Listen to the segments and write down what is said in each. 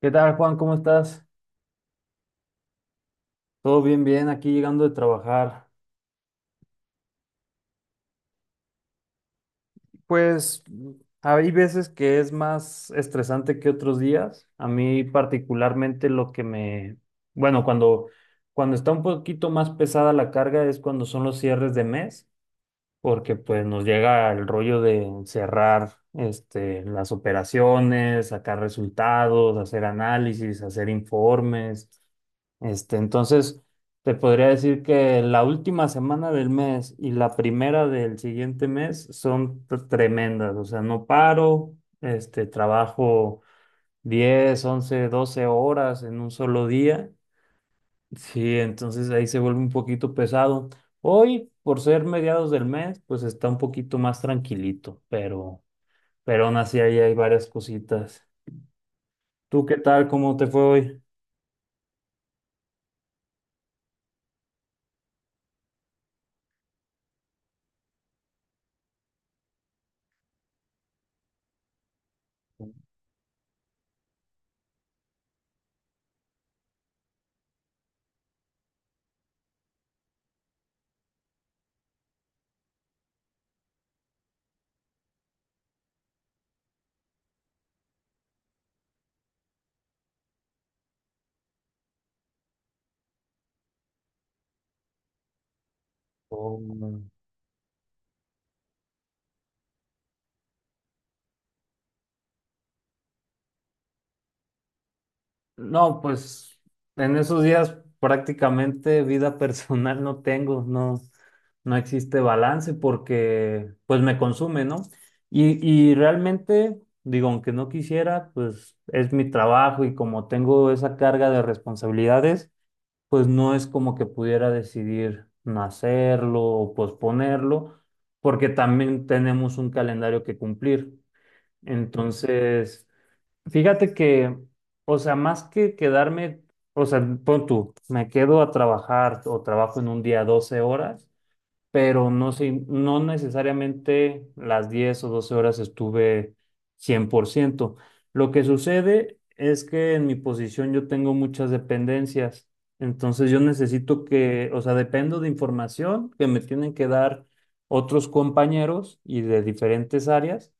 ¿Qué tal, Juan? ¿Cómo estás? Todo bien, bien, aquí llegando de trabajar. Pues hay veces que es más estresante que otros días. A mí particularmente lo que me... Bueno, cuando está un poquito más pesada la carga es cuando son los cierres de mes, porque pues nos llega el rollo de cerrar este, las operaciones, sacar resultados, hacer análisis, hacer informes. Este, entonces, te podría decir que la última semana del mes y la primera del siguiente mes son tremendas, o sea, no paro, este, trabajo 10 11 12 horas en un solo día. Sí, entonces ahí se vuelve un poquito pesado. Hoy, por ser mediados del mes, pues está un poquito más tranquilito, pero aún así ahí hay varias cositas. ¿Tú qué tal? ¿Cómo te fue hoy? Oh, no, pues en esos días prácticamente vida personal no tengo, no, no existe balance porque pues me consume, ¿no? Y realmente, digo, aunque no quisiera, pues es mi trabajo y como tengo esa carga de responsabilidades, pues no es como que pudiera decidir no hacerlo o posponerlo, porque también tenemos un calendario que cumplir. Entonces... Fíjate que, o sea, más que quedarme, o sea, pon tú, me quedo a trabajar o trabajo en un día 12 horas, pero no sé, no necesariamente las 10 o 12 horas estuve 100%. Lo que sucede es que en mi posición yo tengo muchas dependencias, entonces yo necesito que, o sea, dependo de información que me tienen que dar otros compañeros y de diferentes áreas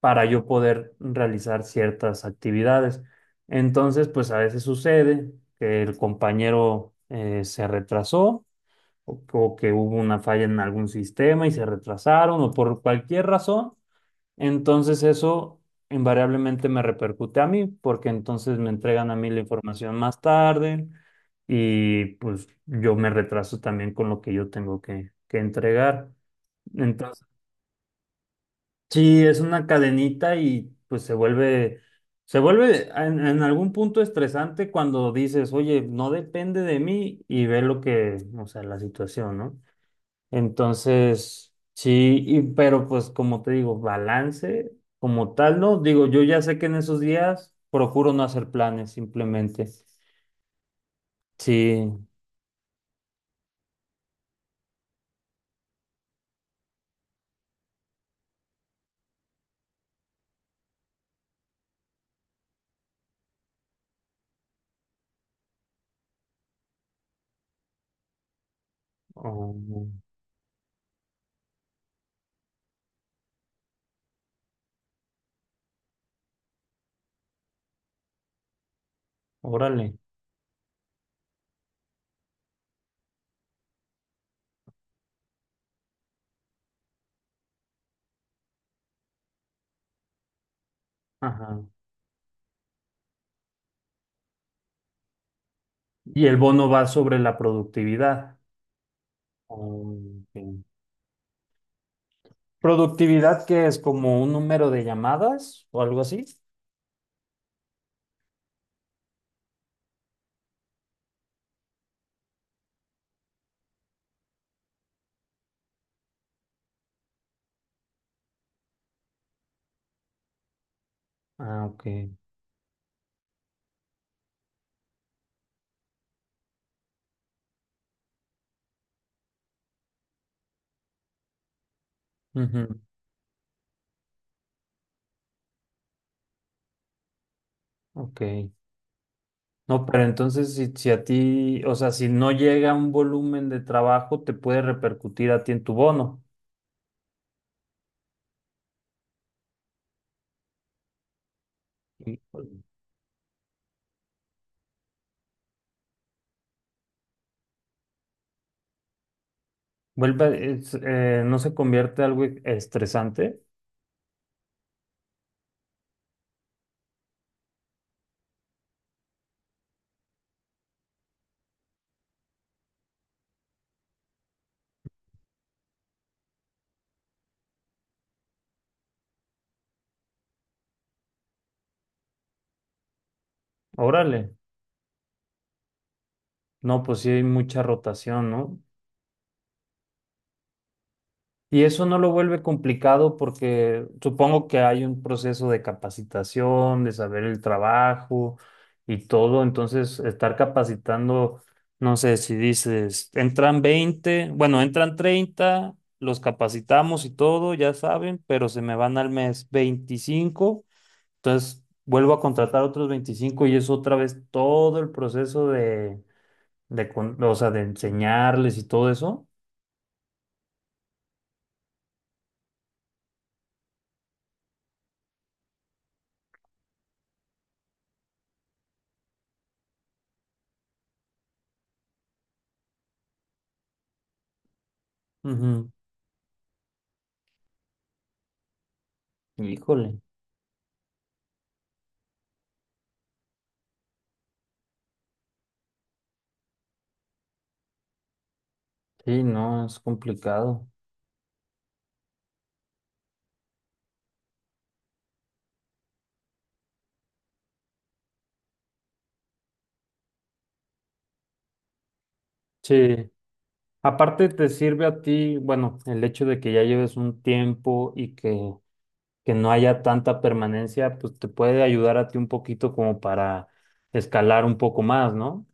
para yo poder realizar ciertas actividades. Entonces, pues a veces sucede que el compañero se retrasó o que hubo una falla en algún sistema y se retrasaron o por cualquier razón. Entonces eso invariablemente me repercute a mí porque entonces me entregan a mí la información más tarde y pues yo me retraso también con lo que yo tengo que entregar. Entonces... Sí, es una cadenita y pues se vuelve en algún punto estresante cuando dices, oye, no depende de mí y ve lo que, o sea, la situación, ¿no? Entonces, sí, y, pero pues como te digo, balance como tal, ¿no? Digo, yo ya sé que en esos días procuro no hacer planes, simplemente. Sí, oh, órale, ajá. Y el bono va sobre la productividad. Oh, ok. ¿Productividad que es como un número de llamadas o algo así? Ah, ok. Ujú, ok. No, pero entonces si a ti, o sea, si no llega un volumen de trabajo, te puede repercutir a ti en tu bono. Y vuelve, no se convierte algo estresante. Órale. No, pues sí hay mucha rotación, ¿no? Y eso no lo vuelve complicado porque supongo que hay un proceso de capacitación, de saber el trabajo y todo. Entonces, estar capacitando, no sé si dices, entran 20 bueno, entran 30 los capacitamos y todo, ya saben, pero se me van al mes 25. Entonces, vuelvo a contratar otros 25 y es otra vez todo el proceso o sea, de enseñarles y todo eso. Ujú. Híjole. Sí, no, es complicado. Sí, aparte te sirve a ti, bueno, el hecho de que ya lleves un tiempo y que no haya tanta permanencia, pues te puede ayudar a ti un poquito como para escalar un poco más, ¿no?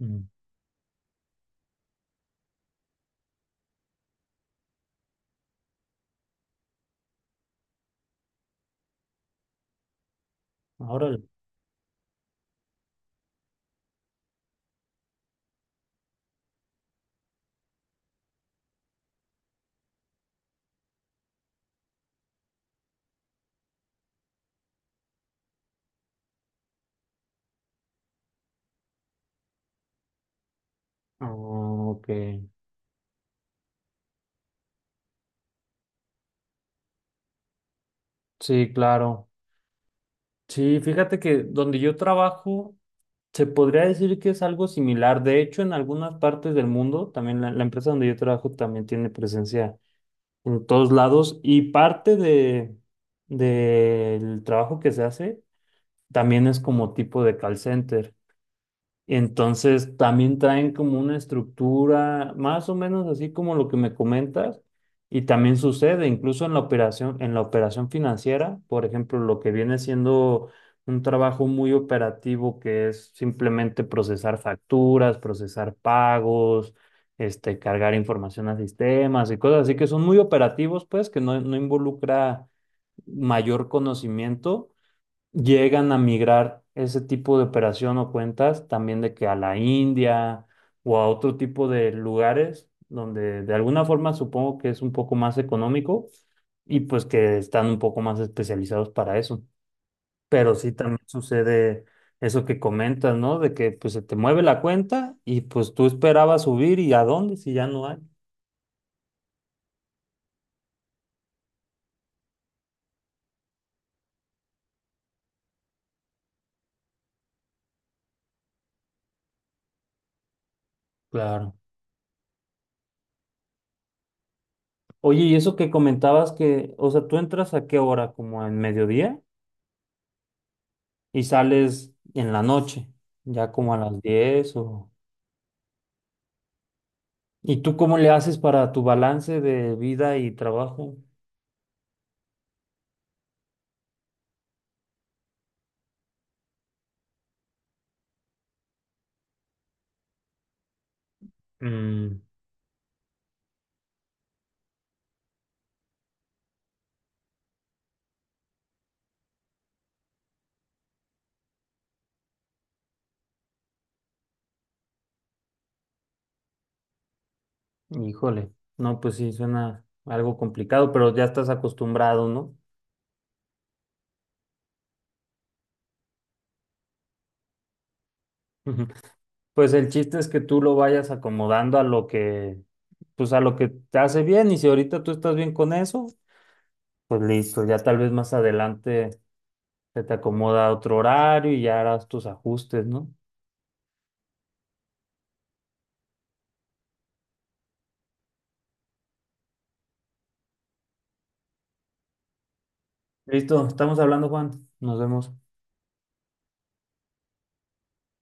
Mm. Órale. Oh, ok. Sí, claro. Sí, fíjate que donde yo trabajo, se podría decir que es algo similar. De hecho, en algunas partes del mundo, también la empresa donde yo trabajo también tiene presencia en todos lados y parte de del trabajo que se hace también es como tipo de call center. Entonces también traen como una estructura más o menos así como lo que me comentas y también sucede incluso en la operación financiera, por ejemplo, lo que viene siendo un trabajo muy operativo que es simplemente procesar facturas, procesar pagos, este cargar información a sistemas y cosas así que son muy operativos, pues que no involucra mayor conocimiento. Llegan a migrar ese tipo de operación o cuentas también de que a la India o a otro tipo de lugares donde de alguna forma supongo que es un poco más económico y pues que están un poco más especializados para eso. Pero sí también sucede eso que comentas, ¿no? De que pues se te mueve la cuenta y pues tú esperabas subir y a dónde si ya no hay. Claro. Oye, y eso que comentabas que, o sea, ¿tú entras a qué hora? ¿Como en mediodía? Y sales en la noche, ya como a las 10 o... ¿Y tú cómo le haces para tu balance de vida y trabajo? Mm, híjole, no, pues sí, suena algo complicado, pero ya estás acostumbrado, ¿no? Ujú. Pues el chiste es que tú lo vayas acomodando a lo que, pues a lo que te hace bien y si ahorita tú estás bien con eso, pues listo, ya tal vez más adelante se te acomoda otro horario y ya harás tus ajustes, ¿no? Listo, estamos hablando, Juan. Nos vemos.